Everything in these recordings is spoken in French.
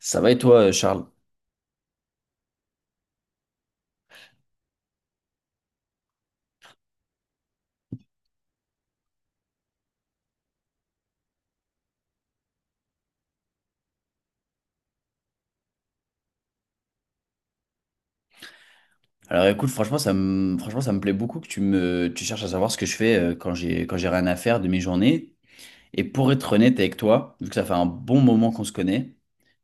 Ça va et toi, Charles? Alors écoute, franchement, franchement, ça me plaît beaucoup que tu cherches à savoir ce que je fais quand quand j'ai rien à faire de mes journées. Et pour être honnête avec toi, vu que ça fait un bon moment qu'on se connaît,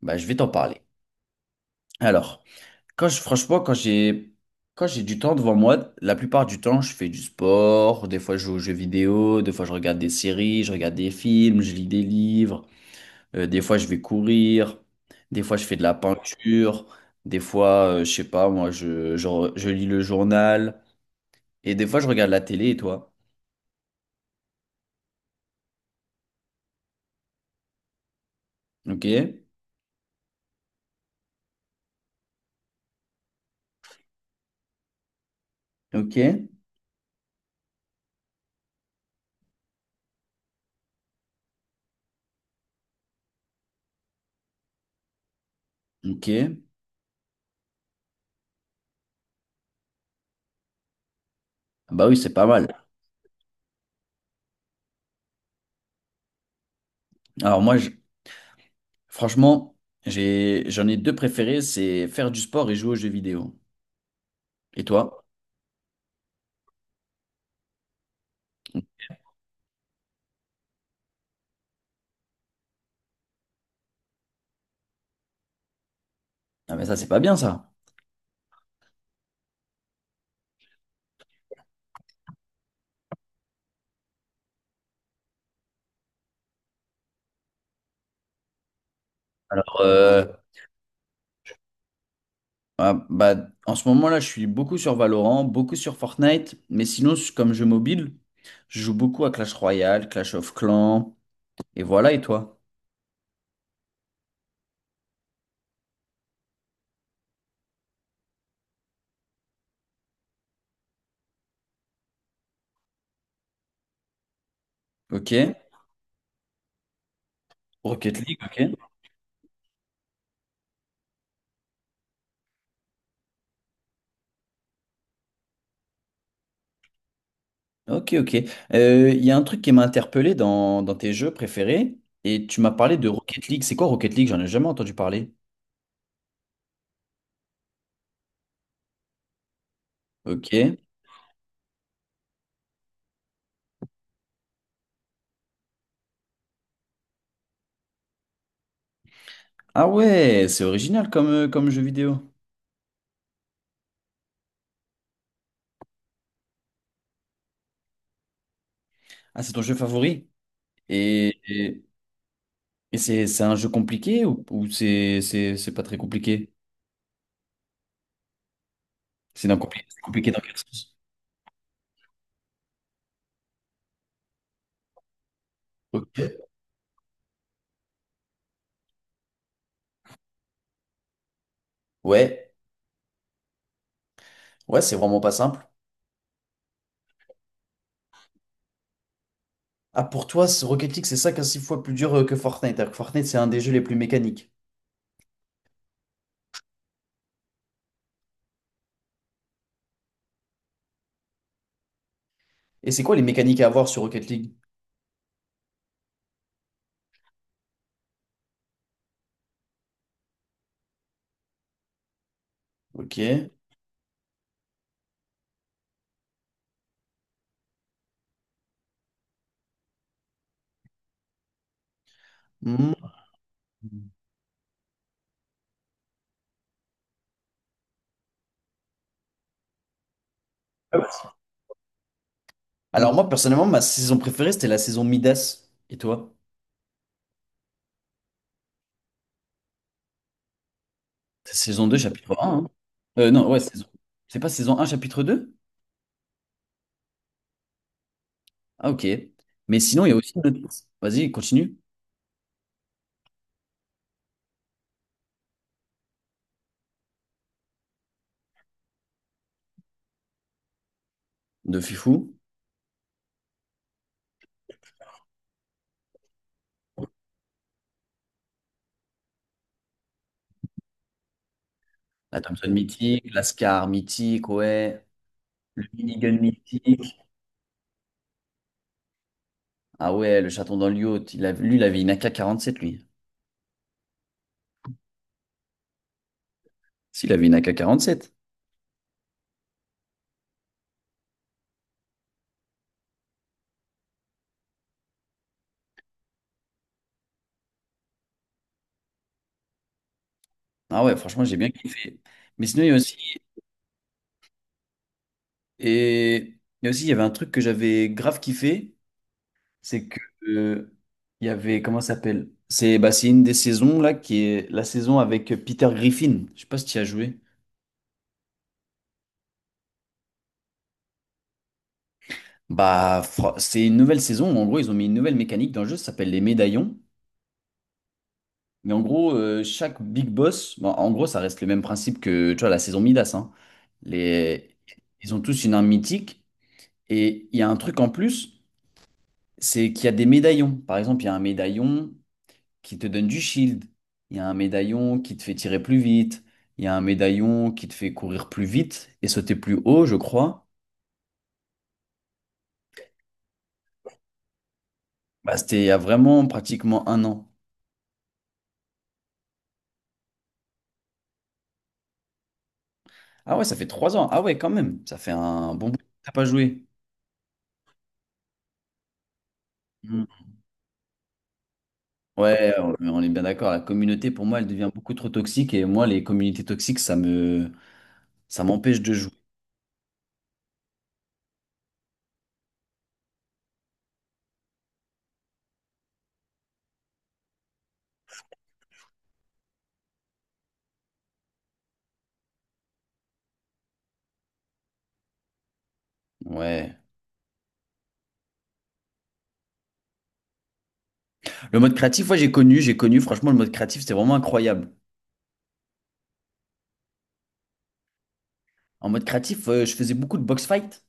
bah, je vais t'en parler. Alors, franchement, quand j'ai du temps devant moi, la plupart du temps, je fais du sport, des fois je joue aux jeux vidéo, des fois je regarde des séries, je regarde des films, je lis des livres. Des fois, je vais courir. Des fois, je fais de la peinture. Des fois, je sais pas, moi, je lis le journal. Et des fois, je regarde la télé. Et toi? Ok? Ok? Ok. Ah, bah oui, c'est pas mal. Alors moi, franchement, j'en ai deux préférés, c'est faire du sport et jouer aux jeux vidéo. Et toi? Ah mais ça, c'est pas bien ça. Euh, ah, bah, en ce moment-là, je suis beaucoup sur Valorant, beaucoup sur Fortnite, mais sinon, comme jeu mobile, je joue beaucoup à Clash Royale, Clash of Clans. Et voilà, et toi? Ok. Rocket League, ok. Ok, ok. Il y a un truc qui m'a interpellé dans tes jeux préférés, et tu m'as parlé de Rocket League. C'est quoi Rocket League? J'en ai jamais entendu parler. Ok. Ah ouais, c'est original comme jeu vidéo. Ah, c'est ton jeu favori? Et, et, et c'est un jeu compliqué ou c'est pas très compliqué? C'est compliqué dans quel sens? Ok. Ouais, ouais, c'est vraiment pas simple. Ah, pour toi, ce Rocket League, c'est 5 à 6 fois plus dur que Fortnite. Alors que Fortnite, c'est un des jeux les plus mécaniques. Et c'est quoi les mécaniques à avoir sur Rocket League? Ok. Hmm. Alors moi, personnellement, ma saison préférée, c'était la saison Midas. Et toi? C'est saison deux, chapitre un, hein. Non, ouais, saison. C'est pas saison un, chapitre deux. Ah, ok. Mais sinon, il y a aussi. Vas-y, continue. De Fifou. La Thompson mythique, la Scar mythique, ouais. Le Minigun mythique. Ah ouais, le chaton dans le yacht. Lui, il avait une 47 lui. S'il avait une 47. Ah ouais, franchement, j'ai bien kiffé. Mais sinon, il y a aussi. Mais aussi, il y avait un truc que j'avais grave kiffé, c'est que euh, il y avait, comment ça s'appelle? C'est bah, c'est une des saisons là qui est la saison avec Peter Griffin. Je sais pas si tu y as joué. Bah, c'est une nouvelle saison. En gros, ils ont mis une nouvelle mécanique dans le jeu, ça s'appelle les médaillons. Mais en gros, chaque big boss, bon, en gros, ça reste le même principe que tu vois, la saison Midas, hein. Les, Ils ont tous une arme mythique. Et il y a un truc en plus, c'est qu'il y a des médaillons. Par exemple, il y a un médaillon qui te donne du shield. Il y a un médaillon qui te fait tirer plus vite. Il y a un médaillon qui te fait courir plus vite et sauter plus haut, je crois. Bah, c'était il y a vraiment pratiquement un an. Ah ouais, ça fait 3 ans. Ah ouais, quand même. Ça fait un bon bout que t'as pas joué. Mm. Ouais, on est bien d'accord. La communauté, pour moi, elle devient beaucoup trop toxique. Et moi, les communautés toxiques, ça m'empêche de jouer. Ouais. Le mode créatif, ouais, j'ai connu, j'ai connu. Franchement, le mode créatif, c'était vraiment incroyable. En mode créatif, je faisais beaucoup de box fight,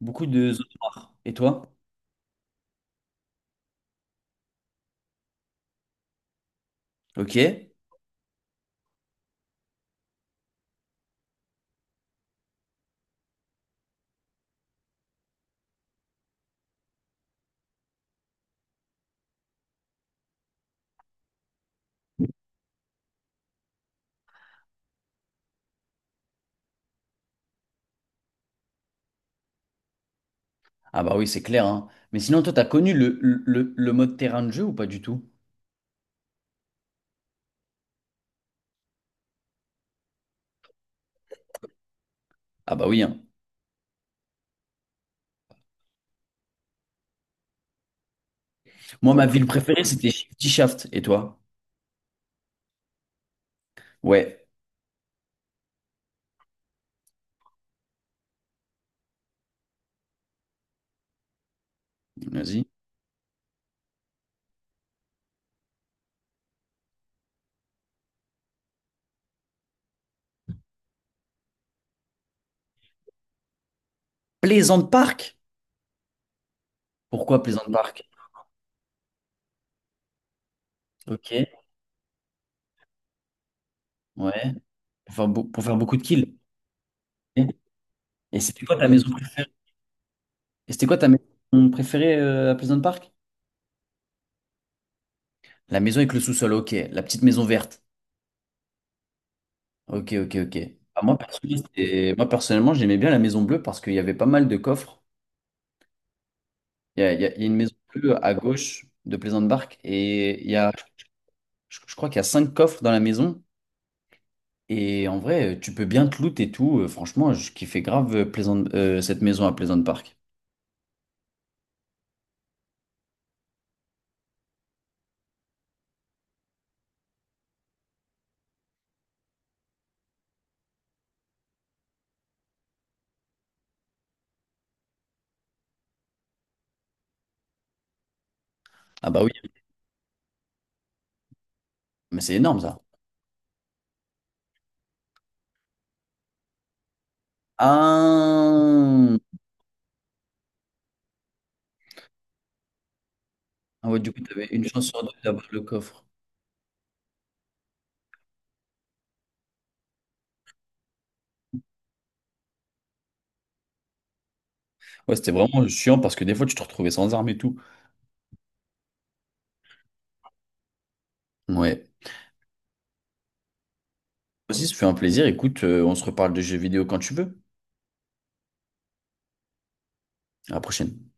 beaucoup de zone noire. Et toi? Ok. Ah bah oui, c'est clair, hein. Mais sinon, toi, t'as connu le mode terrain de jeu ou pas du tout? Ah bah oui, hein. Moi, ma ville préférée, c'était Shifty Shaft. Et toi? Ouais. Vas-y. Plaisant Park? Pourquoi Plaisant Park? Ok. Ouais. Pour faire beaucoup de kills. Et et c'était quoi ta maison préférée? Et c'était quoi ta maison préférée à Pleasant Park? La maison avec le sous-sol, ok. La petite maison verte. Ok, ok, ok. Ah, moi, personnellement, j'aimais bien la maison bleue parce qu'il y avait pas mal de coffres. Il y a une maison bleue à gauche de Plaisante Barque, je crois qu'il y a cinq coffres dans la maison. Et en vrai, tu peux bien te loot et tout. Franchement, je kiffais grave cette maison à Plaisante Park. Ah bah oui, mais c'est énorme ça. Ah, ah ouais, du coup, t'avais une chance sur deux d'avoir le coffre. Ouais, c'était vraiment chiant parce que des fois, tu te retrouvais sans armes et tout. Ouais. Aussi, ça fait un plaisir. Écoute, on se reparle de jeux vidéo quand tu veux. À la prochaine.